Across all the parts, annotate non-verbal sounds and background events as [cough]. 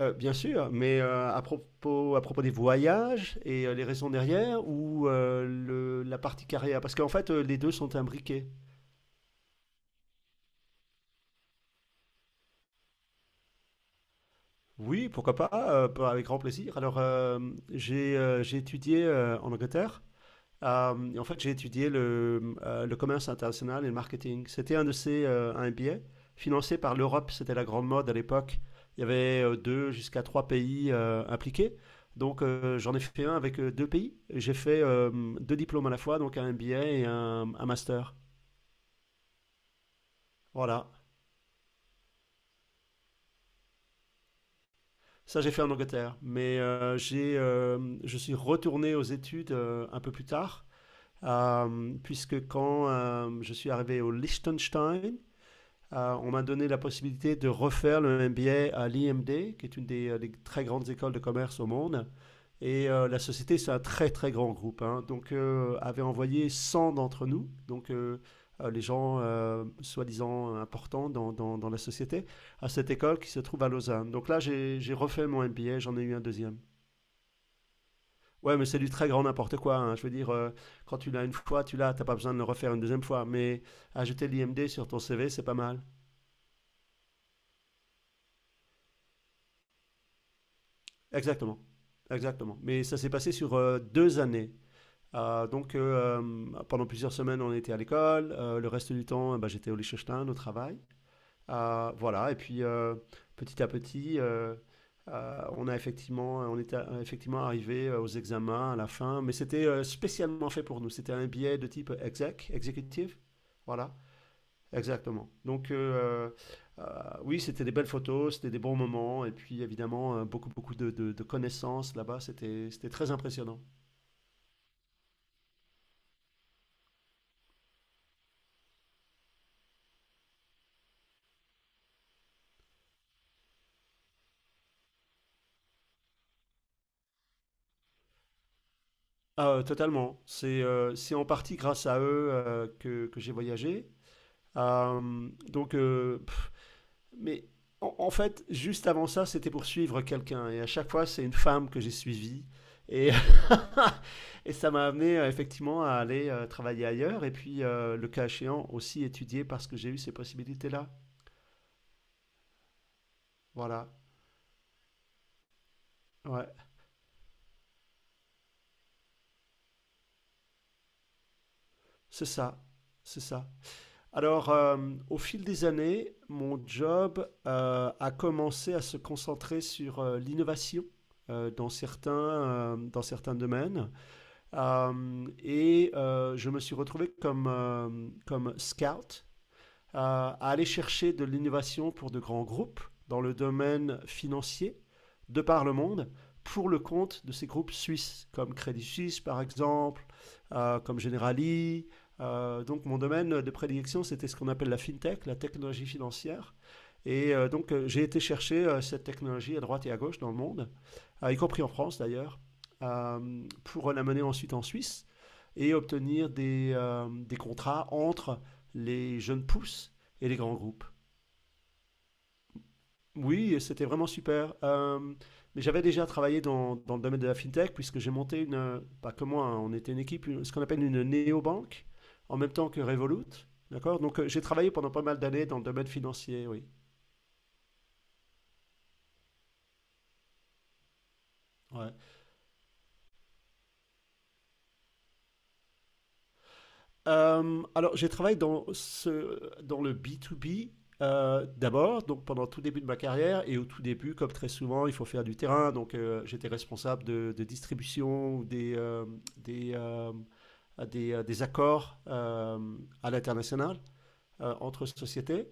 Bien sûr, mais à propos des voyages et les raisons derrière ou la partie carrière, parce qu'en fait les deux sont imbriqués. Oui, pourquoi pas, pas avec grand plaisir. Alors, j'ai étudié en Angleterre. Et en fait, j'ai étudié le commerce international et le marketing. C'était un de ces un MBA financé par l'Europe. C'était la grande mode à l'époque. Il y avait deux jusqu'à trois pays impliqués. J'en ai fait un avec deux pays. J'ai fait deux diplômes à la fois, donc un MBA et un master. Voilà. Ça, j'ai fait en Angleterre. Mais je suis retourné aux études un peu plus tard, puisque quand je suis arrivé au Liechtenstein. On m'a donné la possibilité de refaire le MBA à l'IMD, qui est une des très grandes écoles de commerce au monde. Et la société, c'est un très très grand groupe, hein. Avait envoyé 100 d'entre nous, donc les gens soi-disant importants dans la société, à cette école qui se trouve à Lausanne. Donc là, j'ai refait mon MBA, j'en ai eu un deuxième. Ouais, mais c'est du très grand n'importe quoi, hein. Je veux dire, quand tu l'as une fois, tu l'as, t'as pas besoin de le refaire une deuxième fois. Mais ajouter l'IMD sur ton CV, c'est pas mal. Exactement, exactement. Mais ça s'est passé sur 2 années. Pendant plusieurs semaines, on était à l'école. Le reste du temps, bah, j'étais au Liechtenstein, au travail. Voilà. Et puis, petit à petit, on était effectivement arrivé aux examens à la fin. Mais c'était spécialement fait pour nous. C'était un billet de type exec, executive. Voilà. Exactement. Euh, oui, c'était des belles photos, c'était des bons moments, et puis évidemment, beaucoup, beaucoup de connaissances là-bas, c'était très impressionnant. Ah, totalement. C'est en partie grâce à eux que j'ai voyagé. Euh, donc, euh, pff, mais en fait, juste avant ça, c'était pour suivre quelqu'un, et à chaque fois, c'est une femme que j'ai suivie. Et, [laughs] et ça m'a amené effectivement à aller travailler ailleurs et puis le cas échéant aussi étudier parce que j'ai eu ces possibilités-là. Voilà, ouais, c'est ça, c'est ça. Alors, au fil des années, mon job a commencé à se concentrer sur l'innovation dans certains domaines. Et je me suis retrouvé comme scout à aller chercher de l'innovation pour de grands groupes dans le domaine financier de par le monde pour le compte de ces groupes suisses, comme Crédit Suisse par exemple, comme Generali. Donc mon domaine de prédilection, c'était ce qu'on appelle la fintech, la technologie financière. Et j'ai été chercher cette technologie à droite et à gauche dans le monde, y compris en France d'ailleurs, pour l'amener ensuite en Suisse et obtenir des contrats entre les jeunes pousses et les grands groupes. Oui, c'était vraiment super. Mais j'avais déjà travaillé dans le domaine de la fintech, puisque j'ai monté pas que moi, hein, on était une équipe, ce qu'on appelle une néobanque, en même temps que Revolut. D'accord? J'ai travaillé pendant pas mal d'années dans le domaine financier, oui. Ouais. Alors, j'ai travaillé dans le B2B d'abord, donc pendant tout début de ma carrière, et au tout début, comme très souvent, il faut faire du terrain. J'étais responsable de distribution ou des, euh, des accords à l'international entre sociétés.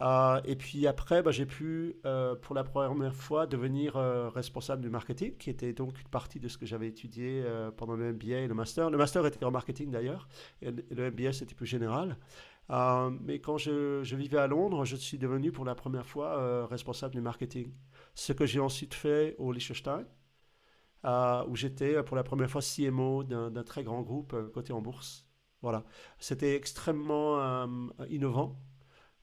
Et puis après, bah, j'ai pu, pour la première fois, devenir responsable du marketing, qui était donc une partie de ce que j'avais étudié pendant le MBA et le master. Le master était en marketing d'ailleurs, et le MBA c'était plus général. Mais quand je vivais à Londres, je suis devenu pour la première fois responsable du marketing. Ce que j'ai ensuite fait au Liechtenstein, où j'étais pour la première fois CMO d'un très grand groupe coté en bourse. Voilà, c'était extrêmement innovant.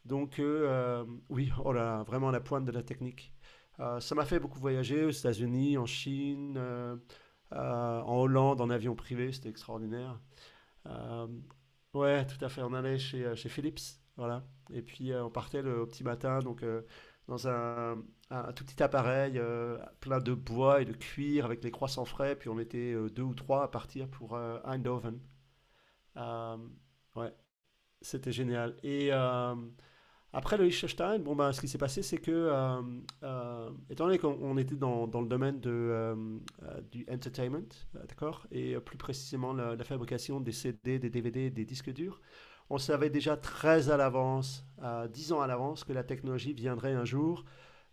Oui, oh là là, vraiment à la pointe de la technique. Ça m'a fait beaucoup voyager aux États-Unis, en Chine, en Hollande, en avion privé, c'était extraordinaire. Euh, ouais, tout à fait, on allait chez Philips, voilà. Et puis on partait au petit matin, dans un tout petit appareil plein de bois et de cuir avec des croissants frais, puis on était deux ou trois à partir pour Eindhoven. Euh, ouais, c'était génial. Après le Liechtenstein, bon, ben, ce qui s'est passé, c'est que, étant donné qu'on était dans le domaine du entertainment, d'accord, et plus précisément la fabrication des CD, des DVD, des disques durs, on savait déjà très à l'avance, 10 ans à l'avance, que la technologie viendrait un jour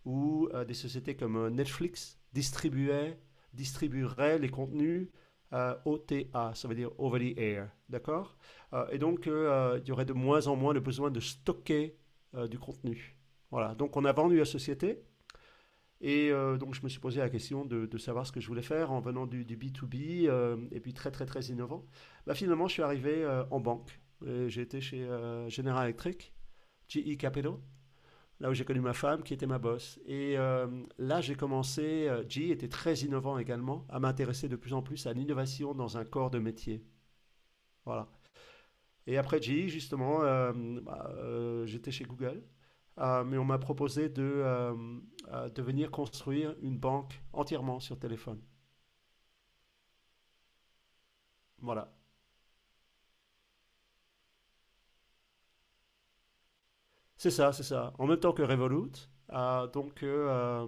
où des sociétés comme Netflix distribueraient les contenus OTA, ça veut dire over the air, d'accord. Et donc, il y aurait de moins en moins le besoin de stocker du contenu. Voilà, donc on a vendu la société. Et donc je me suis posé la question de savoir ce que je voulais faire en venant du B2B et puis très très très innovant. Bah, finalement je suis arrivé en banque. Et j'ai été chez General Electric, GE Capital, là où j'ai connu ma femme, qui était ma boss. Et là, j'ai commencé, G était très innovant également, à m'intéresser de plus en plus à l'innovation dans un corps de métier. Voilà. Et après G, justement, j'étais chez Google, mais on m'a proposé de venir construire une banque entièrement sur téléphone. Voilà. C'est ça, c'est ça. En même temps que Revolut. Euh, donc, euh,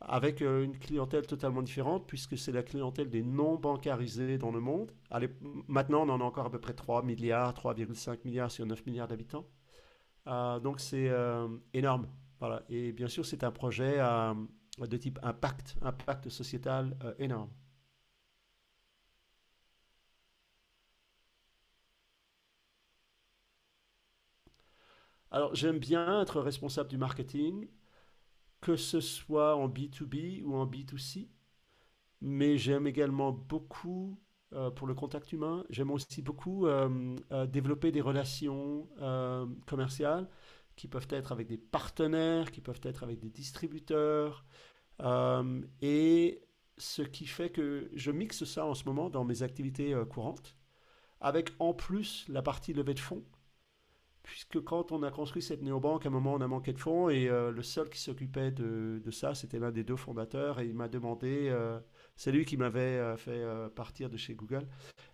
Avec une clientèle totalement différente, puisque c'est la clientèle des non bancarisés dans le monde. Allez, maintenant, on en a encore à peu près 3 milliards, 3,5 milliards sur 9 milliards d'habitants. Donc c'est énorme. Voilà. Et bien sûr, c'est un projet de type impact, impact sociétal énorme. Alors j'aime bien être responsable du marketing, que ce soit en B2B ou en B2C. Mais j'aime également beaucoup, pour le contact humain, j'aime aussi beaucoup développer des relations commerciales qui peuvent être avec des partenaires, qui peuvent être avec des distributeurs. Et ce qui fait que je mixe ça en ce moment dans mes activités courantes, avec en plus la partie levée de fonds, puisque quand on a construit cette néobanque, à un moment, on a manqué de fonds et le seul qui s'occupait de ça, c'était l'un des deux fondateurs et il m'a demandé, c'est lui qui m'avait fait partir de chez Google,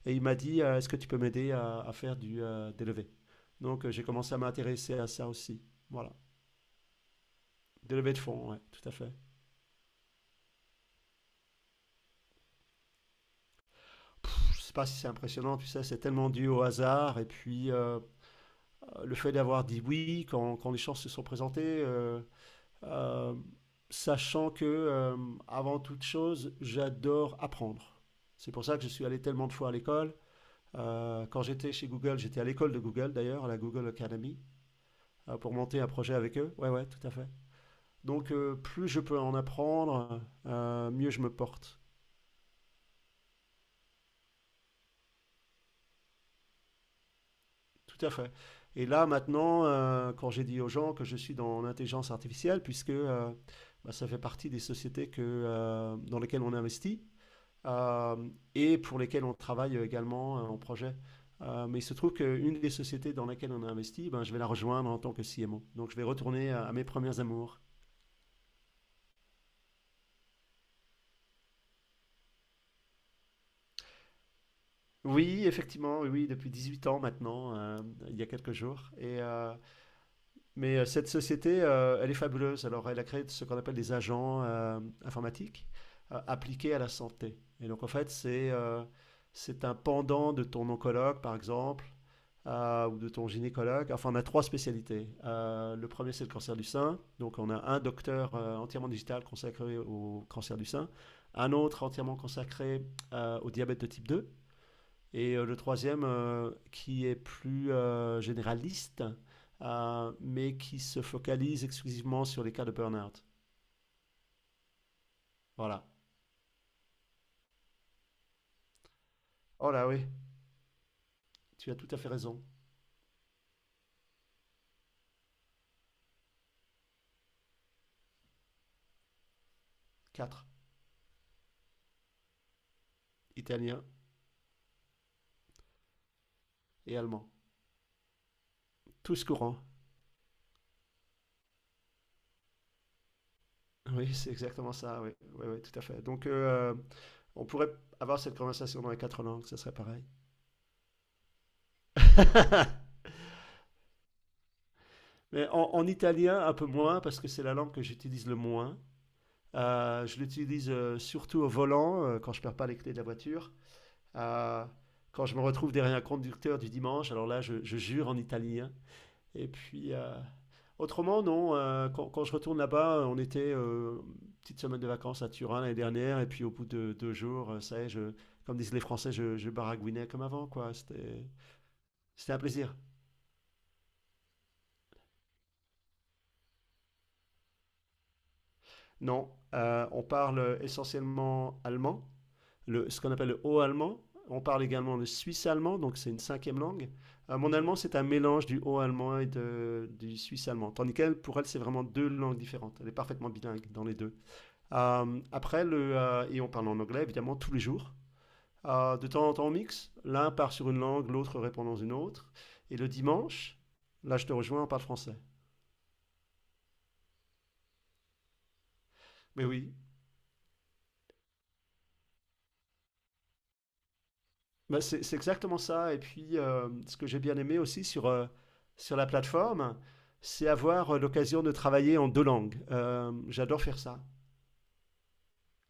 et il m'a dit, est-ce que tu peux m'aider à faire des levées. J'ai commencé à m'intéresser à ça aussi. Voilà, des levées de fonds, ouais, tout à fait. Je ne sais pas si c'est impressionnant, tu sais, c'est tellement dû au hasard et puis le fait d'avoir dit oui quand les chances se sont présentées. Euh, Sachant que, avant toute chose, j'adore apprendre. C'est pour ça que je suis allé tellement de fois à l'école. Quand j'étais chez Google, j'étais à l'école de Google d'ailleurs, à la Google Academy, pour monter un projet avec eux. Ouais, ouais, tout à fait. Plus je peux en apprendre, mieux je me porte. Tout à fait. Et là, maintenant, quand j'ai dit aux gens que je suis dans l'intelligence artificielle, puisque bah, ça fait partie des sociétés dans lesquelles on investit, euh, et pour lesquels on travaille également en projet. Mais il se trouve qu'une des sociétés dans laquelle on a investi, ben, je vais la rejoindre en tant que CMO. Donc je vais retourner à mes premiers amours. Oui, effectivement, oui, oui, depuis 8 ans maintenant, il y a quelques jours. Mais cette société, elle est fabuleuse. Alors, elle a créé ce qu'on appelle des agents informatiques appliqués à la santé. Et donc, en fait, c'est un pendant de ton oncologue, par exemple, ou de ton gynécologue. Enfin, on a trois spécialités. Le premier, c'est le cancer du sein. Donc, on a un docteur entièrement digital consacré au cancer du sein, un autre entièrement consacré au diabète de type 2. Et le troisième, qui est plus généraliste, mais qui se focalise exclusivement sur les cas de burn-out. Voilà. Oh là oui, tu as tout à fait raison. Quatre, italien et allemand. Tous courants. Oui, c'est exactement ça, oui, oui, oui tout à fait. On pourrait avoir cette conversation dans les quatre langues, ça serait pareil. [laughs] Mais en italien, un peu moins, parce que c'est la langue que j'utilise le moins. Je l'utilise surtout au volant, quand je ne perds pas les clés de la voiture. Euh, Quand je me retrouve derrière un conducteur du dimanche, alors là, je jure en italien. Et puis, autrement, non. Quand je retourne là-bas, on était une petite semaine de vacances à Turin l'année dernière. Et puis, au bout de 2 jours, ça y est, comme disent les Français, je baragouinais comme avant, quoi. C'était un plaisir. Non, on parle essentiellement allemand, ce qu'on appelle le haut allemand. On parle également le suisse allemand, donc c'est une cinquième langue. Mon allemand, c'est un mélange du haut allemand du suisse allemand. Tandis qu'elle, pour elle, c'est vraiment deux langues différentes. Elle est parfaitement bilingue dans les deux. Et on parle en anglais, évidemment, tous les jours. De temps en temps, on mixe. L'un part sur une langue, l'autre répond dans une autre. Et le dimanche, là, je te rejoins, on parle français. Mais oui, bah, c'est exactement ça. Et puis, ce que j'ai bien aimé aussi sur la plateforme, c'est avoir l'occasion de travailler en deux langues. J'adore faire ça.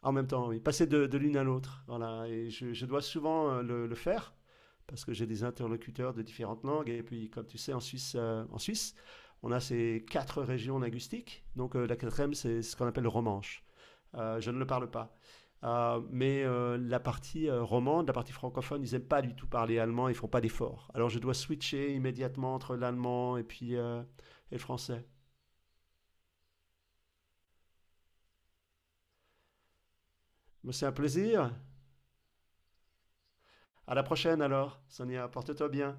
En même temps, oui. Passer de l'une à l'autre. Voilà. Et je dois souvent le faire parce que j'ai des interlocuteurs de différentes langues. Et puis, comme tu sais, en Suisse on a ces quatre régions linguistiques. La quatrième, c'est ce qu'on appelle le romanche. Je ne le parle pas. Mais la partie romande, la partie francophone, ils n'aiment pas du tout parler allemand, ils ne font pas d'efforts. Alors je dois switcher immédiatement entre l'allemand et le français. Mais c'est un plaisir. À la prochaine alors, Sonia, porte-toi bien.